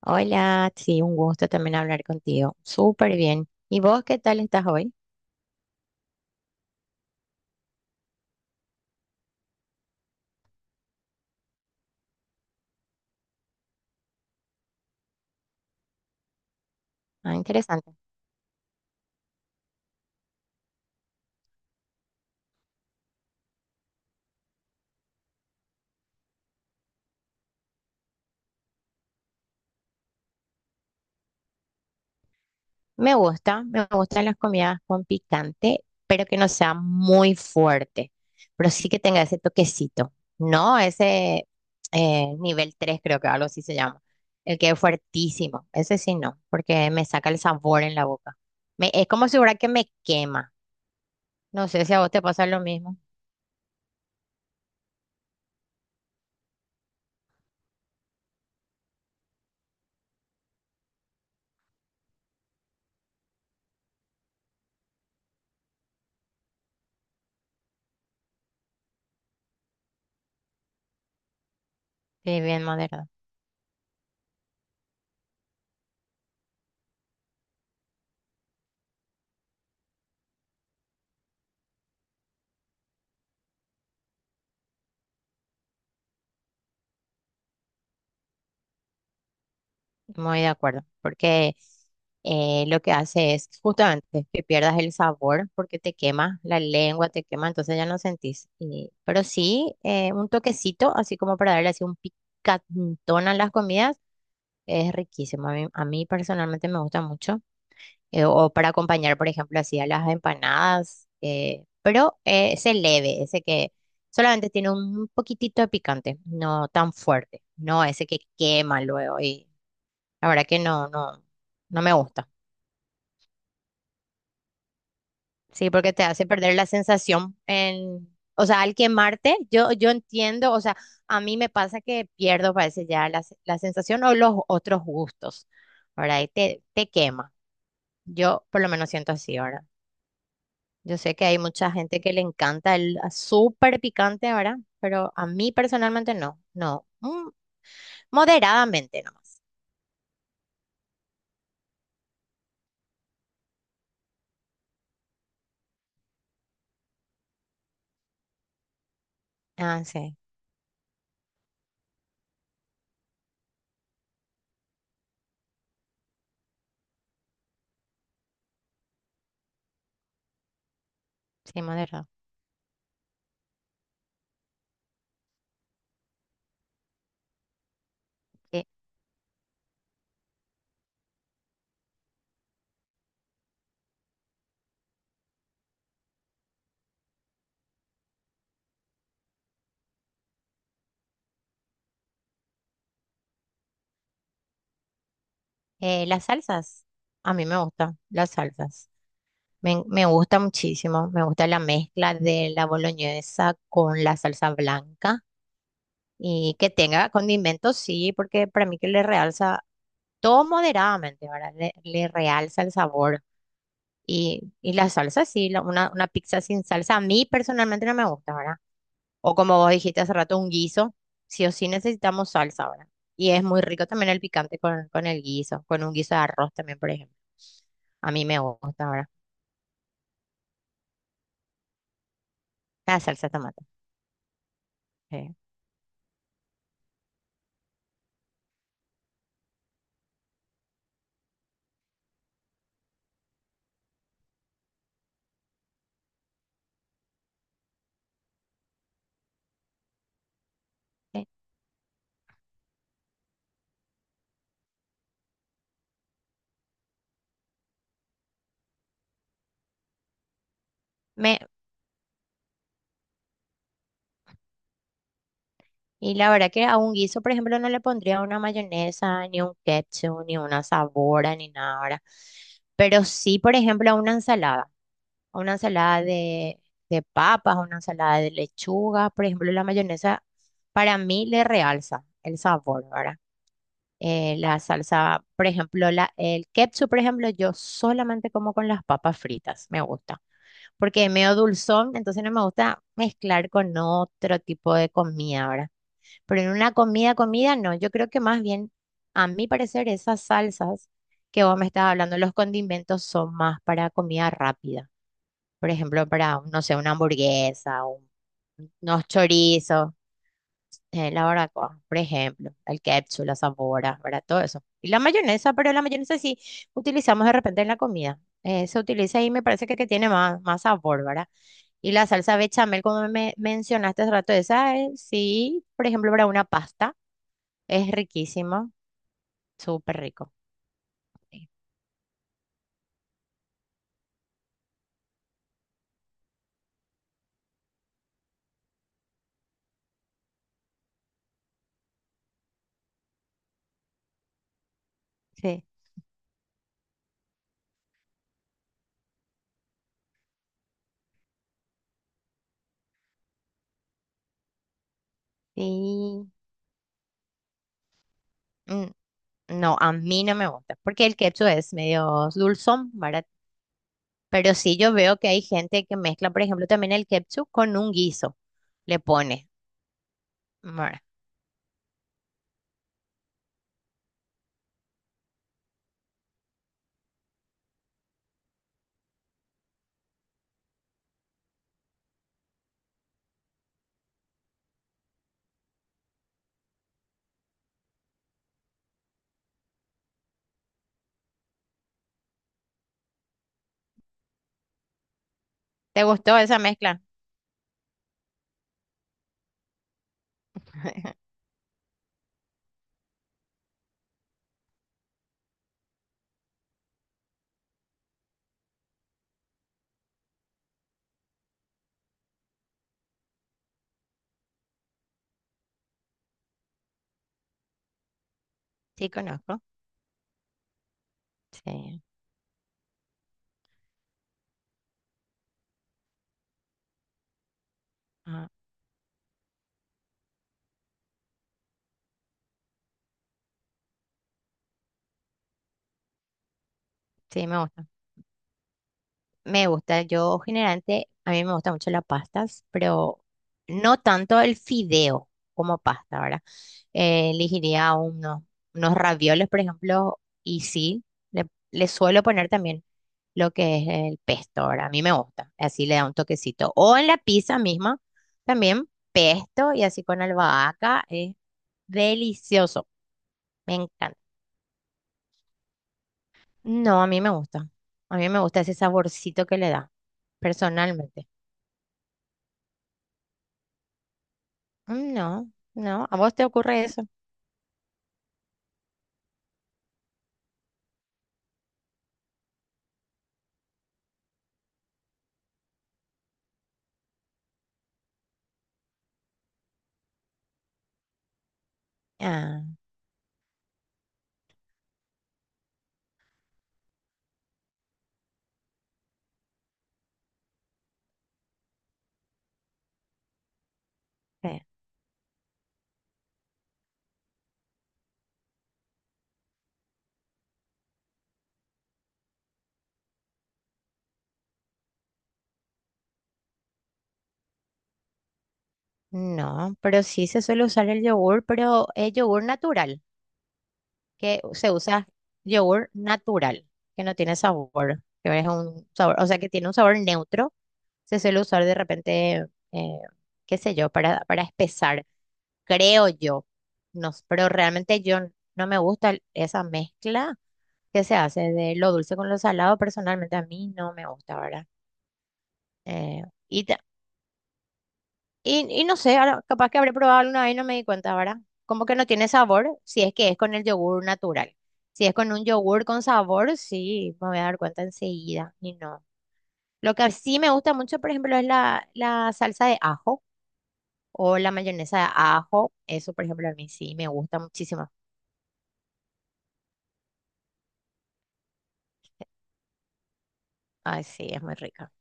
Hola, sí, un gusto también hablar contigo. Súper bien. ¿Y vos qué tal estás hoy? Ah, interesante. Me gusta, me gustan las comidas con picante, pero que no sea muy fuerte, pero sí que tenga ese toquecito, ¿no? Ese nivel 3, creo que algo así se llama, el que es fuertísimo, ese sí no, porque me saca el sabor en la boca. Es como si fuera que me quema. No sé si a vos te pasa lo mismo. Sí, bien moderado. Muy de acuerdo, porque lo que hace es justamente que pierdas el sabor porque te quema la lengua, te quema, entonces ya no sentís. Pero sí, un toquecito, así como para darle así un picantón a las comidas, es riquísimo. A mí personalmente me gusta mucho. O para acompañar, por ejemplo, así a las empanadas, pero ese leve, ese que solamente tiene un poquitito de picante, no tan fuerte, no ese que quema luego y la verdad que no, no, no me gusta. Sí, porque te hace perder la sensación en, o sea, al quemarte, yo entiendo, o sea, a mí me pasa que pierdo, parece ya la, la sensación o los otros gustos, ¿verdad? Y te quema. Yo por lo menos siento así, ¿verdad? Yo sé que hay mucha gente que le encanta el súper picante, ¿verdad? Pero a mí personalmente no, no. Mm, moderadamente nomás. Ah, sí, sí, moderado. Sí. Las salsas, a mí me gustan las salsas. Me gusta muchísimo, me gusta la mezcla de la boloñesa con la salsa blanca y que tenga condimentos, sí, porque para mí que le realza todo moderadamente, ¿verdad? Le realza el sabor. Y la salsa, sí, la- una pizza sin salsa a mí personalmente no me gusta, ¿verdad? O como vos dijiste hace rato, un guiso, sí o sí necesitamos salsa, ¿verdad? Y es muy rico también el picante con el guiso, con un guiso de arroz también, por ejemplo. A mí me gusta, ¿verdad? La salsa de tomate. Sí. Sí. Me, y la verdad que a un guiso, por ejemplo, no le pondría una mayonesa, ni un ketchup, ni una sabora, ni nada, ¿verdad? Pero sí, por ejemplo, a una ensalada. A una ensalada de papas, a una ensalada de lechuga. Por ejemplo, la mayonesa para mí le realza el sabor, ¿verdad? La salsa, por ejemplo, la, el ketchup, por ejemplo, yo solamente como con las papas fritas, me gusta porque es medio dulzón, entonces no me gusta mezclar con otro tipo de comida, ¿verdad? Pero en una comida, comida, no. Yo creo que más bien, a mi parecer, esas salsas que vos me estás hablando, los condimentos son más para comida rápida. Por ejemplo, para, no sé, una hamburguesa, unos chorizos, la barbacoa, por ejemplo, el ketchup, la sabora, ¿verdad? Todo eso. Y la mayonesa, pero la mayonesa sí utilizamos de repente en la comida. Se utiliza y me parece que tiene más, más sabor, ¿verdad? Y la salsa bechamel, como me mencionaste hace rato, esa es, sí, por ejemplo, para una pasta. Es riquísimo, súper rico. Sí. Sí. Y mm, no, a mí no me gusta, porque el ketchup es medio dulzón, ¿verdad? Pero sí yo veo que hay gente que mezcla, por ejemplo, también el ketchup con un guiso, le pone. ¿Verdad? ¿Te gustó esa mezcla? Sí, conozco. Sí, ajá, sí, me gusta. Me gusta, yo generalmente, a mí me gusta mucho las pastas, pero no tanto el fideo como pasta, ¿verdad? Elegiría unos, unos ravioles, por ejemplo, y sí, le, le suelo poner también lo que es el pesto, ¿verdad? A mí me gusta, así le da un toquecito. O en la pizza misma, también pesto y así con albahaca, es delicioso, me encanta. No, a mí me gusta, a mí me gusta ese saborcito que le da, personalmente. Mm, no, no, ¿a vos te ocurre eso? Ah, eh, no, pero sí se suele usar el yogur, pero es yogur natural, que se usa yogur natural, que no tiene sabor, que es un sabor, o sea, que tiene un sabor neutro, se suele usar de repente, eh, qué sé yo, para espesar, creo yo, no, pero realmente yo no me gusta esa mezcla que se hace de lo dulce con lo salado, personalmente a mí no me gusta, ¿verdad? Eh, y ta- y no sé, ahora capaz que habré probado alguna vez y no me di cuenta, ¿verdad? Como que no tiene sabor si es que es con el yogur natural. Si es con un yogur con sabor, sí, me voy a dar cuenta enseguida. Y no. Lo que sí me gusta mucho, por ejemplo, es la, la salsa de ajo o la mayonesa de ajo. Eso, por ejemplo, a mí sí me gusta muchísimo. Ay, sí, es muy rica.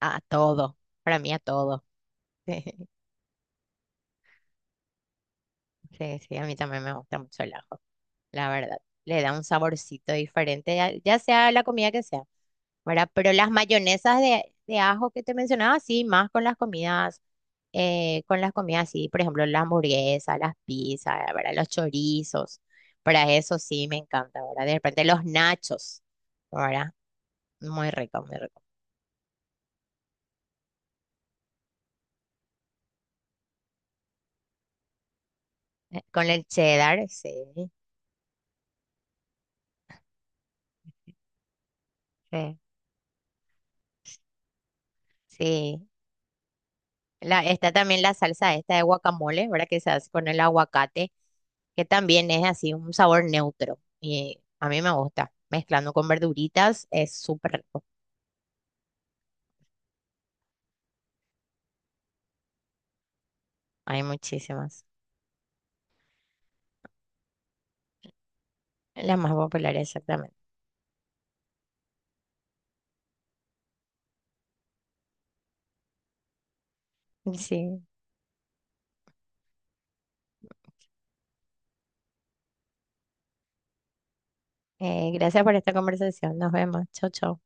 A todo. Para mí, a todo. Sí, sí, a mí también me gusta mucho el ajo, la verdad. Le da un saborcito diferente, ya ya sea la comida que sea. ¿Verdad? Pero las mayonesas de ajo que te mencionaba, sí, más con las comidas, sí, por ejemplo, las hamburguesas, las pizzas, ¿verdad? Los chorizos, para eso sí me encanta, ¿verdad? De repente los nachos, ¿verdad? Muy rico, muy rico. Con el cheddar, sí, sí, sí. La, está también la salsa esta de guacamole, ¿verdad? Que se hace con el aguacate, que también es así un sabor neutro y a mí me gusta. Mezclando con verduritas es súper rico. Hay muchísimas. Las más populares, exactamente. Sí. Gracias por esta conversación. Nos vemos. Chau, chau.